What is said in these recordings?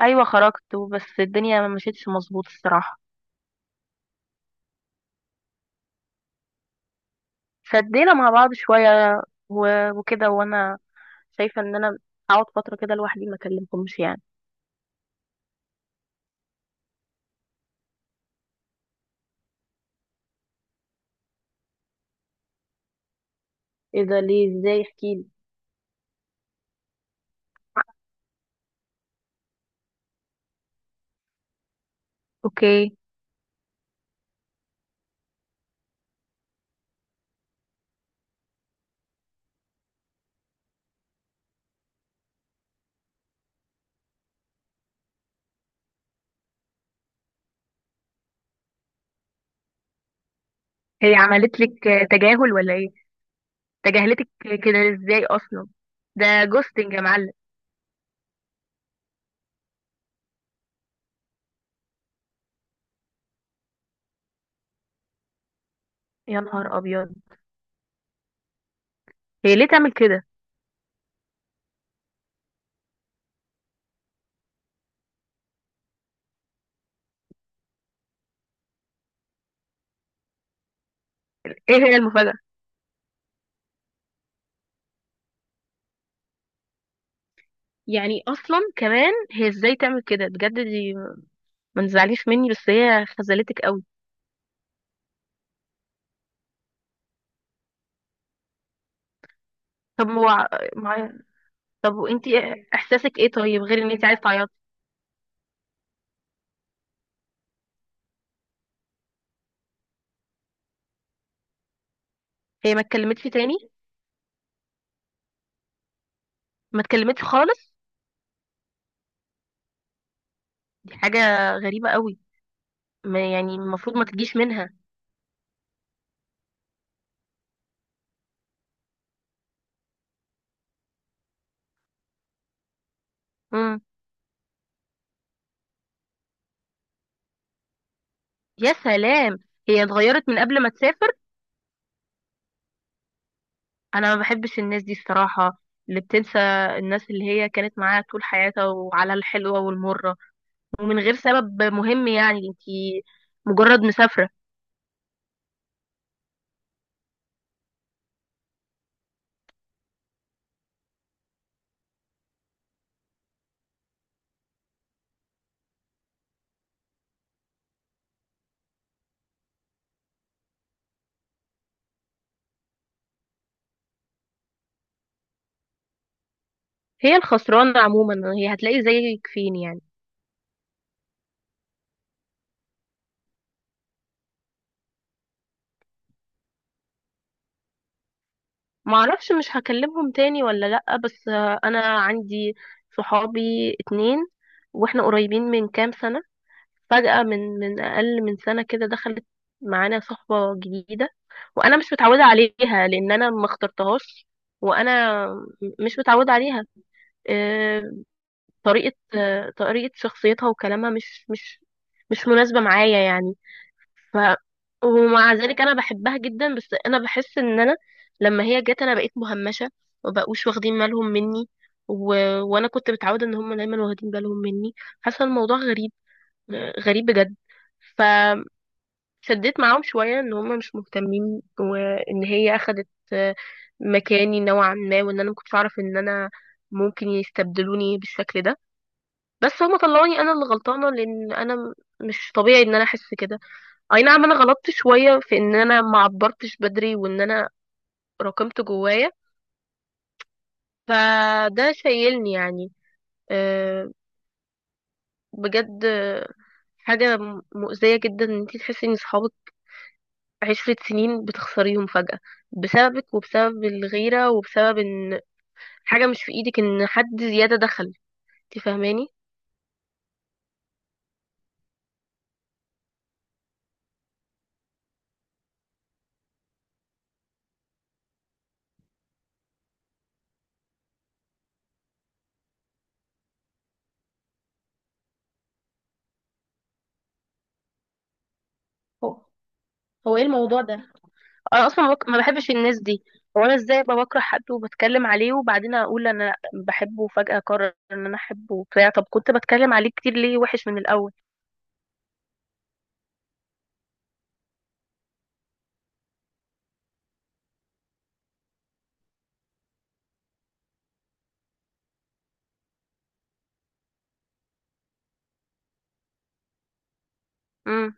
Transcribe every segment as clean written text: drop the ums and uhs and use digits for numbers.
ايوه خرجت بس الدنيا ما مشيتش مظبوط الصراحه. شدينا مع بعض شويه وكده. وانا شايفه ان انا اقعد فتره كده لوحدي ما اكلمكمش يعني. ايه ده؟ ليه؟ ازاي؟ احكيلي. اوكي، هي عملت لك تجاهل ولا ايه؟ تجاهلتك كده ازاي اصلا؟ ده جوستنج يا معلم. يا نهار ابيض، هي ليه تعمل كده؟ ايه هي المفاجأة؟ يعني اصلا كمان هي ازاي تعمل كده؟ بجد دي، ما تزعليش مني، بس هي خذلتك قوي. طب هو، طب وانتي، احساسك ايه طيب غير ان انتي عايزه تعيطي؟ هي ما اتكلمتش تاني؟ ما اتكلمتش خالص؟ دي حاجه غريبه قوي. ما يعني المفروض ما تجيش منها. امم. يا سلام، هي اتغيرت من قبل ما تسافر. انا ما بحبش الناس دي الصراحه، اللي بتنسى الناس اللي هي كانت معاها طول حياتها وعلى الحلوه والمره ومن غير سبب مهم. يعني انتي مجرد مسافره. هي الخسرانه عموما، هي هتلاقي زيك فين يعني؟ معرفش مش هكلمهم تاني ولا لأ، بس انا عندي صحابي اتنين، واحنا قريبين من كام سنة. فجأة من اقل من سنة كده دخلت معانا صحبة جديدة، وانا مش متعودة عليها لان انا ما اخترتهاش، وانا مش متعودة عليها. آه، طريقة، طريقة شخصيتها وكلامها مش مش مناسبة معايا يعني. ف ومع ذلك انا بحبها جدا، بس انا بحس ان انا لما هي جت انا بقيت مهمشه وبقوش واخدين بالهم مني. و... وانا كنت متعوده ان هم دايما واخدين بالهم مني. حاسه الموضوع غريب، غريب بجد. فشديت معاهم شويه ان هم مش مهتمين وان هي اخدت مكاني نوعا ما، وان انا ما كنتش اعرف ان انا ممكن يستبدلوني بالشكل ده. بس هم طلعوني انا اللي غلطانه، لان انا مش طبيعي ان انا احس كده. اي نعم انا غلطت شوية في ان انا ما عبرتش بدري وان انا راكمت جوايا، فده شايلني يعني. أه بجد، حاجة مؤذية جدا ان انتي تحسي ان صحابك عشرة سنين بتخسريهم فجأة بسببك وبسبب الغيرة وبسبب ان حاجة مش في ايدك، ان حد زيادة دخل. انتي فاهماني؟ هو، هو ايه الموضوع ده؟ انا اصلا ما بحبش الناس دي. هو انا ازاي ابقى بكره حد وبتكلم عليه وبعدين اقول انا بحبه، وفجأة اقرر ان انا احبه وبتاع؟ طب كنت بتكلم عليه كتير ليه وحش من الاول؟ امم.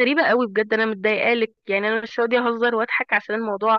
غريبة قوي بجد، انا متضايقه لك. يعني انا مش راضيه اهزر واضحك عشان الموضوع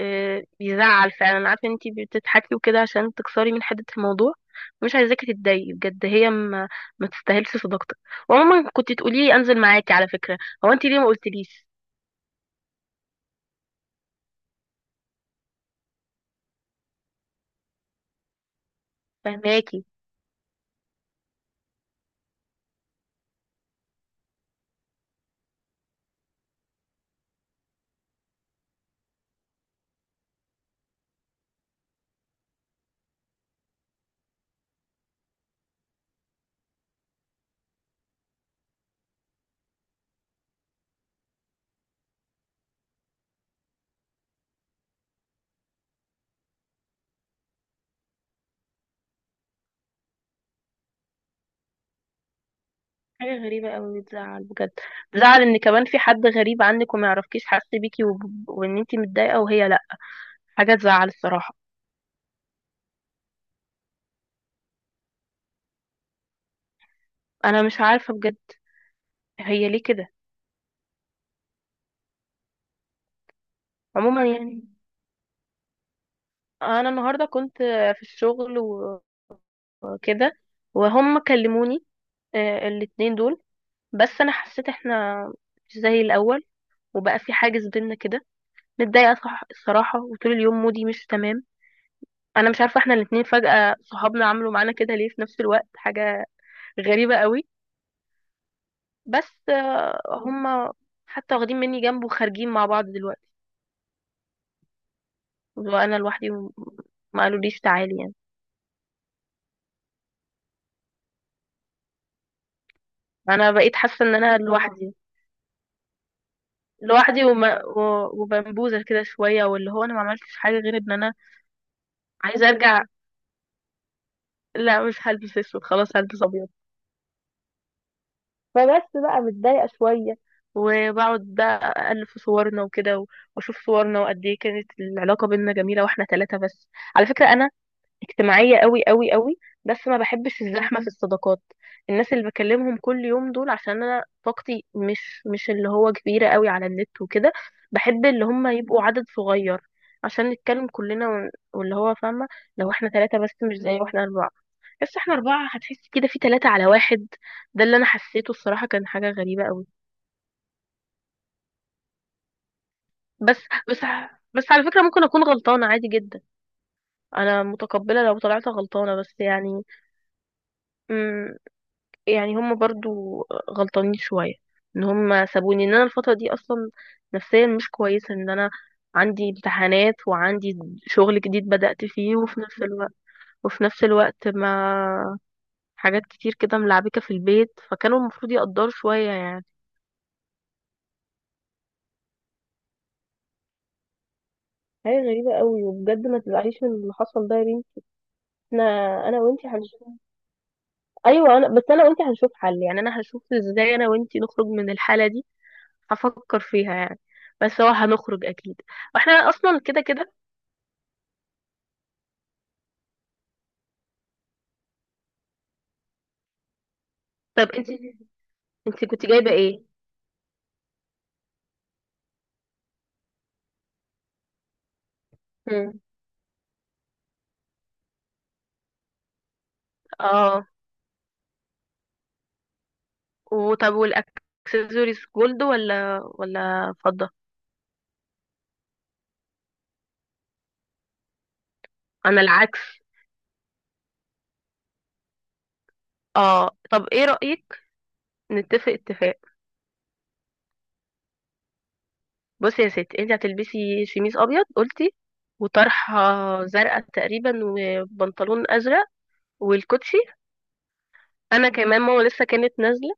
بيزعل فعلا. انا عارفه ان انتي بتضحكي وكده عشان تكسري من حده الموضوع. مش عايزاكي تتضايقي بجد. هي ما, ما تستاهلش صداقتك. وعموما كنت تقولي انزل معاكي على فكره. هو انتي ليه ما قلتليش؟ فهماكي؟ حاجة غريبة قوي، بتزعل بجد. بتزعل ان كمان في حد غريب عنك وما يعرفكيش حاسس بيكي وان انتي متضايقة وهي لا. حاجة تزعل الصراحة. انا مش عارفة بجد هي ليه كده. عموما يعني انا النهاردة كنت في الشغل وكده، وهم كلموني الاتنين دول. بس انا حسيت احنا مش زي الاول وبقى في حاجز بينا كده. متضايقة الصراحة، وطول اليوم مودي مش تمام. انا مش عارفة احنا الاتنين فجأة صحابنا عملوا معانا كده ليه في نفس الوقت. حاجة غريبة قوي. بس هم حتى واخدين مني جنب وخارجين مع بعض دلوقتي، وانا لوحدي ما قالوليش تعالي يعني. انا بقيت حاسه ان انا لوحدي، لوحدي، وبنبوزه كده شويه، واللي هو انا ما عملتش حاجه غير ان انا عايزه ارجع. لا مش هلبس اسود، خلاص هلبس ابيض. فبس بقى متضايقه شويه، وبقعد بقى ألف في صورنا وكده وأشوف صورنا وقد إيه كانت العلاقة بينا جميلة وإحنا ثلاثة بس. على فكرة أنا اجتماعية قوي قوي قوي، بس ما بحبش الزحمة في الصداقات، الناس اللي بكلمهم كل يوم دول، عشان انا طاقتي مش اللي هو كبيرة قوي على النت وكده. بحب اللي هم يبقوا عدد صغير عشان نتكلم كلنا واللي هو فاهمة. لو احنا ثلاثة بس مش زي واحنا أربعة. بس احنا أربعة هتحس كده في ثلاثة على واحد. ده اللي أنا حسيته الصراحة، كان حاجة غريبة قوي. بس بس بس على فكرة ممكن أكون غلطانة عادي جدا. أنا متقبلة لو طلعت غلطانة، بس يعني يعني هم برضو غلطانين شوية ان هم سابوني، ان انا الفترة دي اصلا نفسيا مش كويسة، ان انا عندي امتحانات وعندي شغل جديد بدأت فيه وفي نفس الوقت، وفي نفس الوقت ما حاجات كتير كده ملعبكة في البيت، فكانوا المفروض يقدروا شوية يعني. حاجة غريبة قوي، وبجد ما تزعليش من اللي حصل ده يا بنتي. احنا انا وانتي هنشوف. ايوه انا، بس انا وانتي هنشوف حل. يعني انا هشوف ازاي انا وانتي نخرج من الحالة دي، هفكر فيها يعني. بس هو هنخرج اكيد، واحنا اصلا كده كده. طب انت، انت كنت جايبه ايه؟ مم. اه. وطب والاكسسوارز جولد ولا ولا فضه؟ انا العكس. اه، طب ايه رايك نتفق اتفاق؟ بصي يا ستي، انت هتلبسي شميس ابيض قلتي وطرحه زرقاء تقريبا وبنطلون ازرق والكوتشي. انا كمان ماما لسه كانت نازله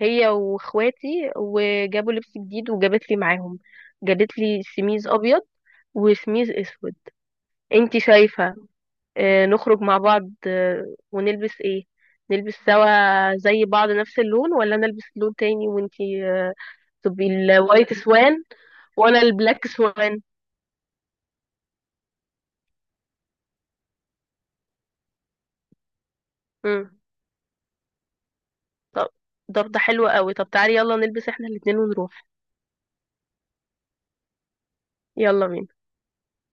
هي واخواتي وجابوا لبس جديد وجابت لي معاهم، جابت لي سميز ابيض وسميز اسود. انتي شايفة نخرج مع بعض ونلبس ايه؟ نلبس سوا زي بعض نفس اللون، ولا انا البس لون تاني وانتي تبقي الوايت سوان وانا البلاك سوان؟ مم. طب، طب ده حلو قوي، طب تعالي يلا نلبس احنا الاتنين ونروح. يلا بينا.